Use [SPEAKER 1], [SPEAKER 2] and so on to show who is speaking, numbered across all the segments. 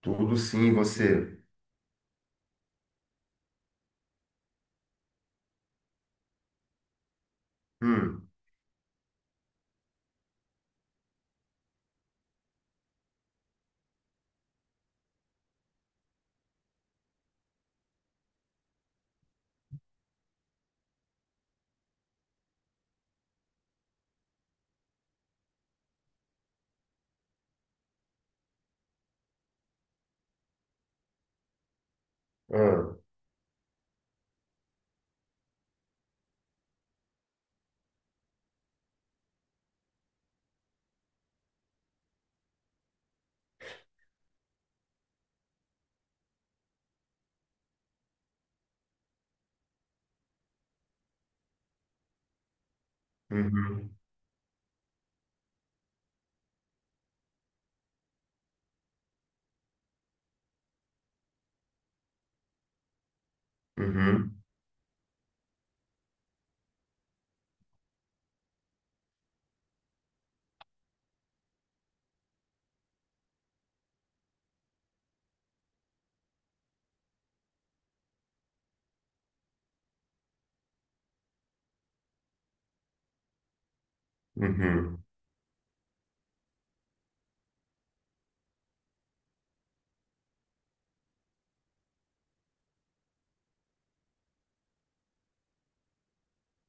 [SPEAKER 1] Tudo sim, você. Hum. Ah. Uhum. Uhum. Uhum.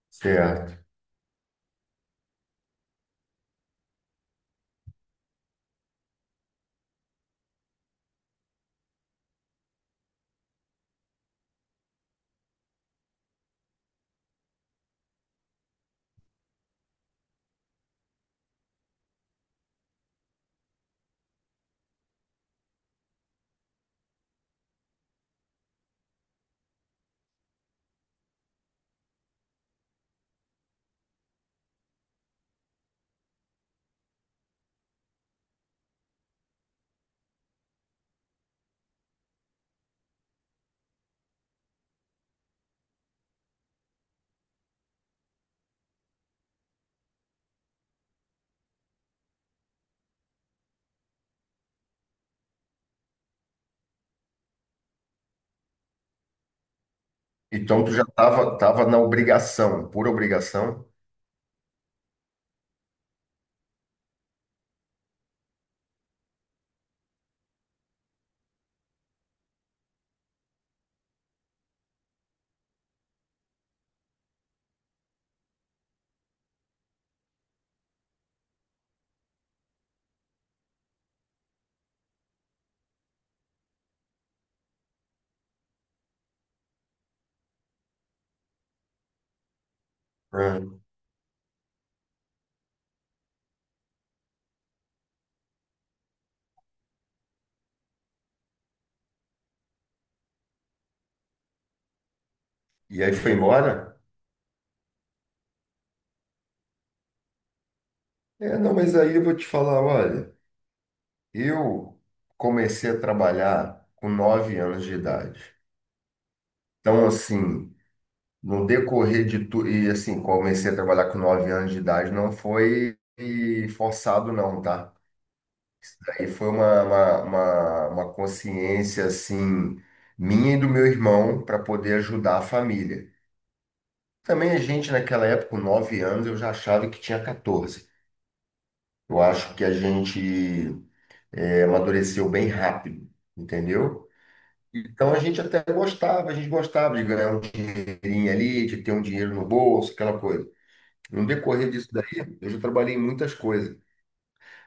[SPEAKER 1] Certo. Então tu já tava, na obrigação, por obrigação. Ah. E aí foi embora? É, não, mas aí eu vou te falar, olha, eu comecei a trabalhar com 9 anos de idade. Então, assim, no decorrer de tudo, e assim, comecei a trabalhar com nove anos de idade, não foi forçado não, tá? Aí foi uma consciência assim minha e do meu irmão para poder ajudar a família. Também a gente naquela época, com 9 anos, eu já achava que tinha 14. Eu acho que a gente amadureceu bem rápido, entendeu? Então a gente até gostava, a gente gostava de ganhar um dinheirinho ali, de ter um dinheiro no bolso, aquela coisa. No decorrer disso daí, eu já trabalhei em muitas coisas.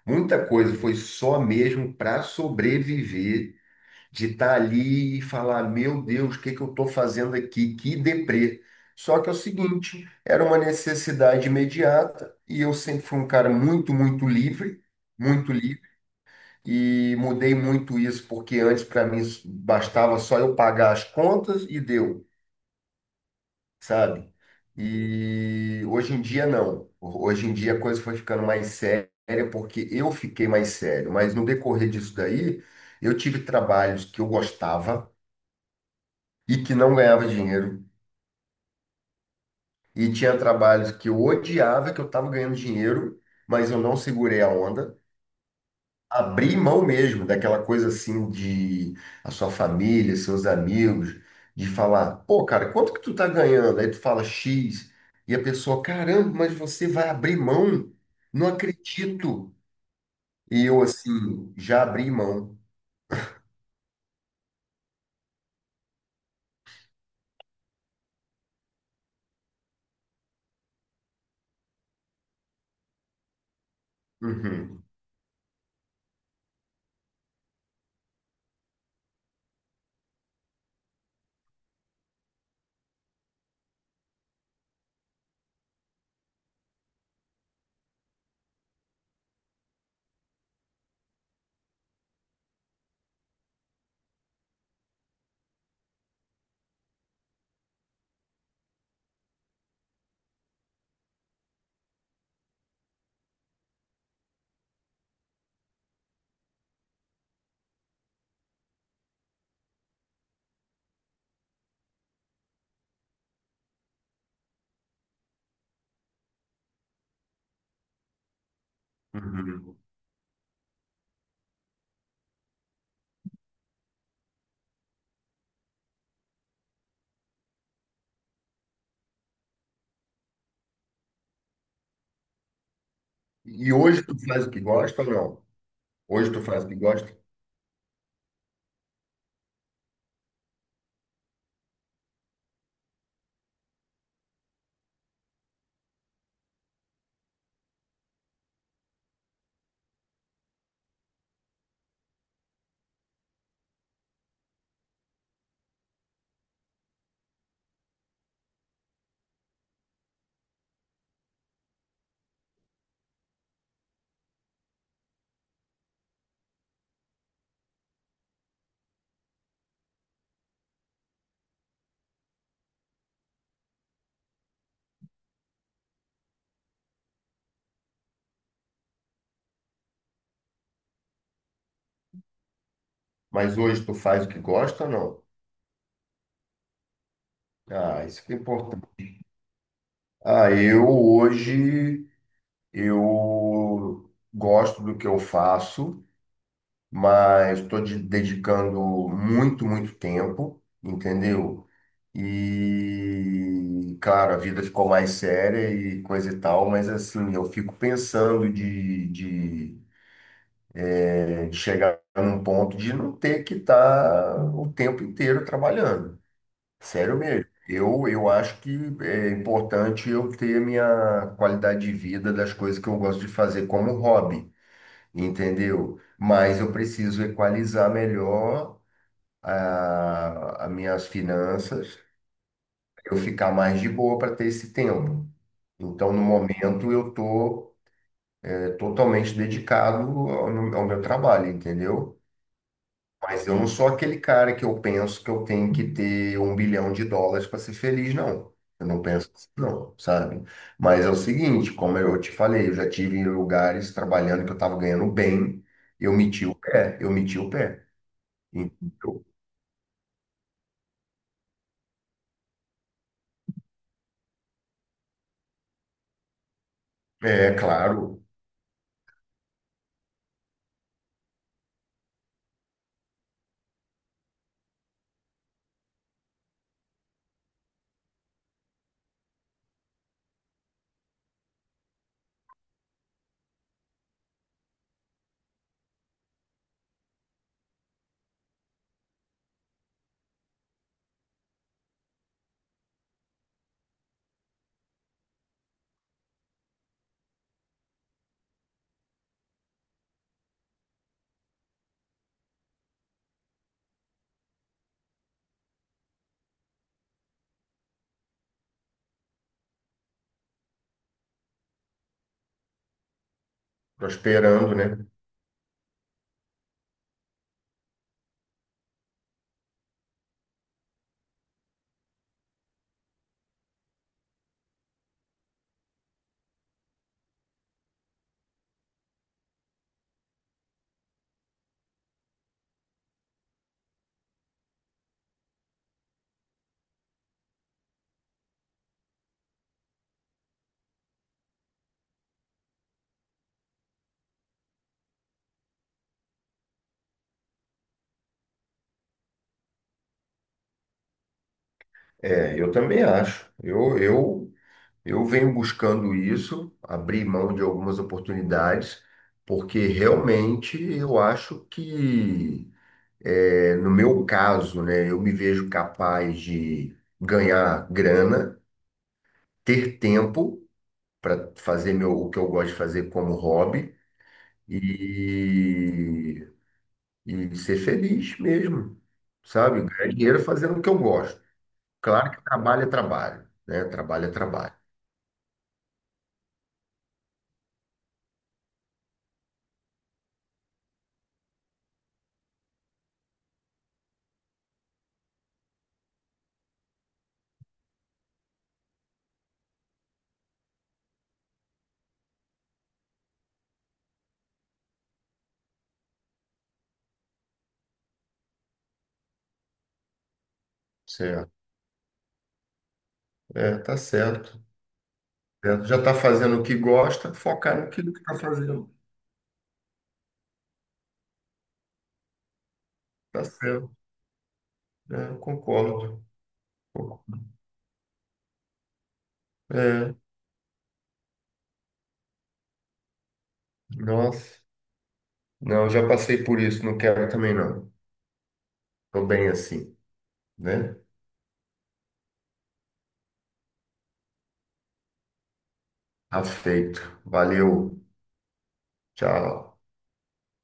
[SPEAKER 1] Muita coisa foi só mesmo para sobreviver de estar ali e falar, meu Deus, o que que eu estou fazendo aqui? Que deprê. Só que é o seguinte, era uma necessidade imediata e eu sempre fui um cara muito, muito livre, muito livre. E mudei muito isso, porque antes para mim bastava só eu pagar as contas e deu, sabe? E hoje em dia não. Hoje em dia a coisa foi ficando mais séria, porque eu fiquei mais sério. Mas no decorrer disso daí, eu tive trabalhos que eu gostava, e que não ganhava dinheiro. E tinha trabalhos que eu odiava, que eu estava ganhando dinheiro, mas eu não segurei a onda. Abri mão mesmo daquela coisa assim de a sua família, seus amigos, de falar, pô, cara, quanto que tu tá ganhando? Aí tu fala X, e a pessoa, caramba, mas você vai abrir mão? Não acredito. E eu assim, já abri mão. Uhum. Uhum. E hoje tu faz o que gosta ou não? Hoje tu faz o que gosta? Mas hoje tu faz o que gosta ou não? Ah, isso que é importante. Ah, eu hoje eu gosto do que eu faço, mas estou dedicando muito, muito tempo, entendeu? E claro, a vida ficou mais séria e coisa e tal, mas assim, eu fico pensando de chegar num ponto de não ter que estar o tempo inteiro trabalhando. Sério mesmo. Eu acho que é importante eu ter minha qualidade de vida das coisas que eu gosto de fazer como hobby, entendeu? Mas eu preciso equalizar melhor as minhas finanças, eu ficar mais de boa para ter esse tempo. Então, no momento, eu estou totalmente dedicado ao meu trabalho, entendeu? Mas eu não sou aquele cara que eu penso que eu tenho que ter um bilhão de dólares para ser feliz, não. Eu não penso assim, não, sabe? Mas é o seguinte, como eu te falei, eu já tive em lugares trabalhando que eu estava ganhando bem, eu meti o pé, eu meti o pé. Então, é claro, prosperando, né? É, eu também acho. Eu venho buscando isso, abrir mão de algumas oportunidades, porque realmente eu acho que é, no meu caso, né, eu me vejo capaz de ganhar grana, ter tempo para fazer meu, o que eu gosto de fazer como hobby e, e ser feliz mesmo, sabe? Ganhar dinheiro fazendo o que eu gosto. Claro que trabalho é trabalho, né? Trabalho é trabalho. Certo. É, tá certo. Certo. Já está fazendo o que gosta, focar naquilo que está fazendo. Tá certo. É, eu concordo. É, nossa. Não, já passei por isso, não quero também não. Tô bem assim, né? Aceito. Valeu. Tchau.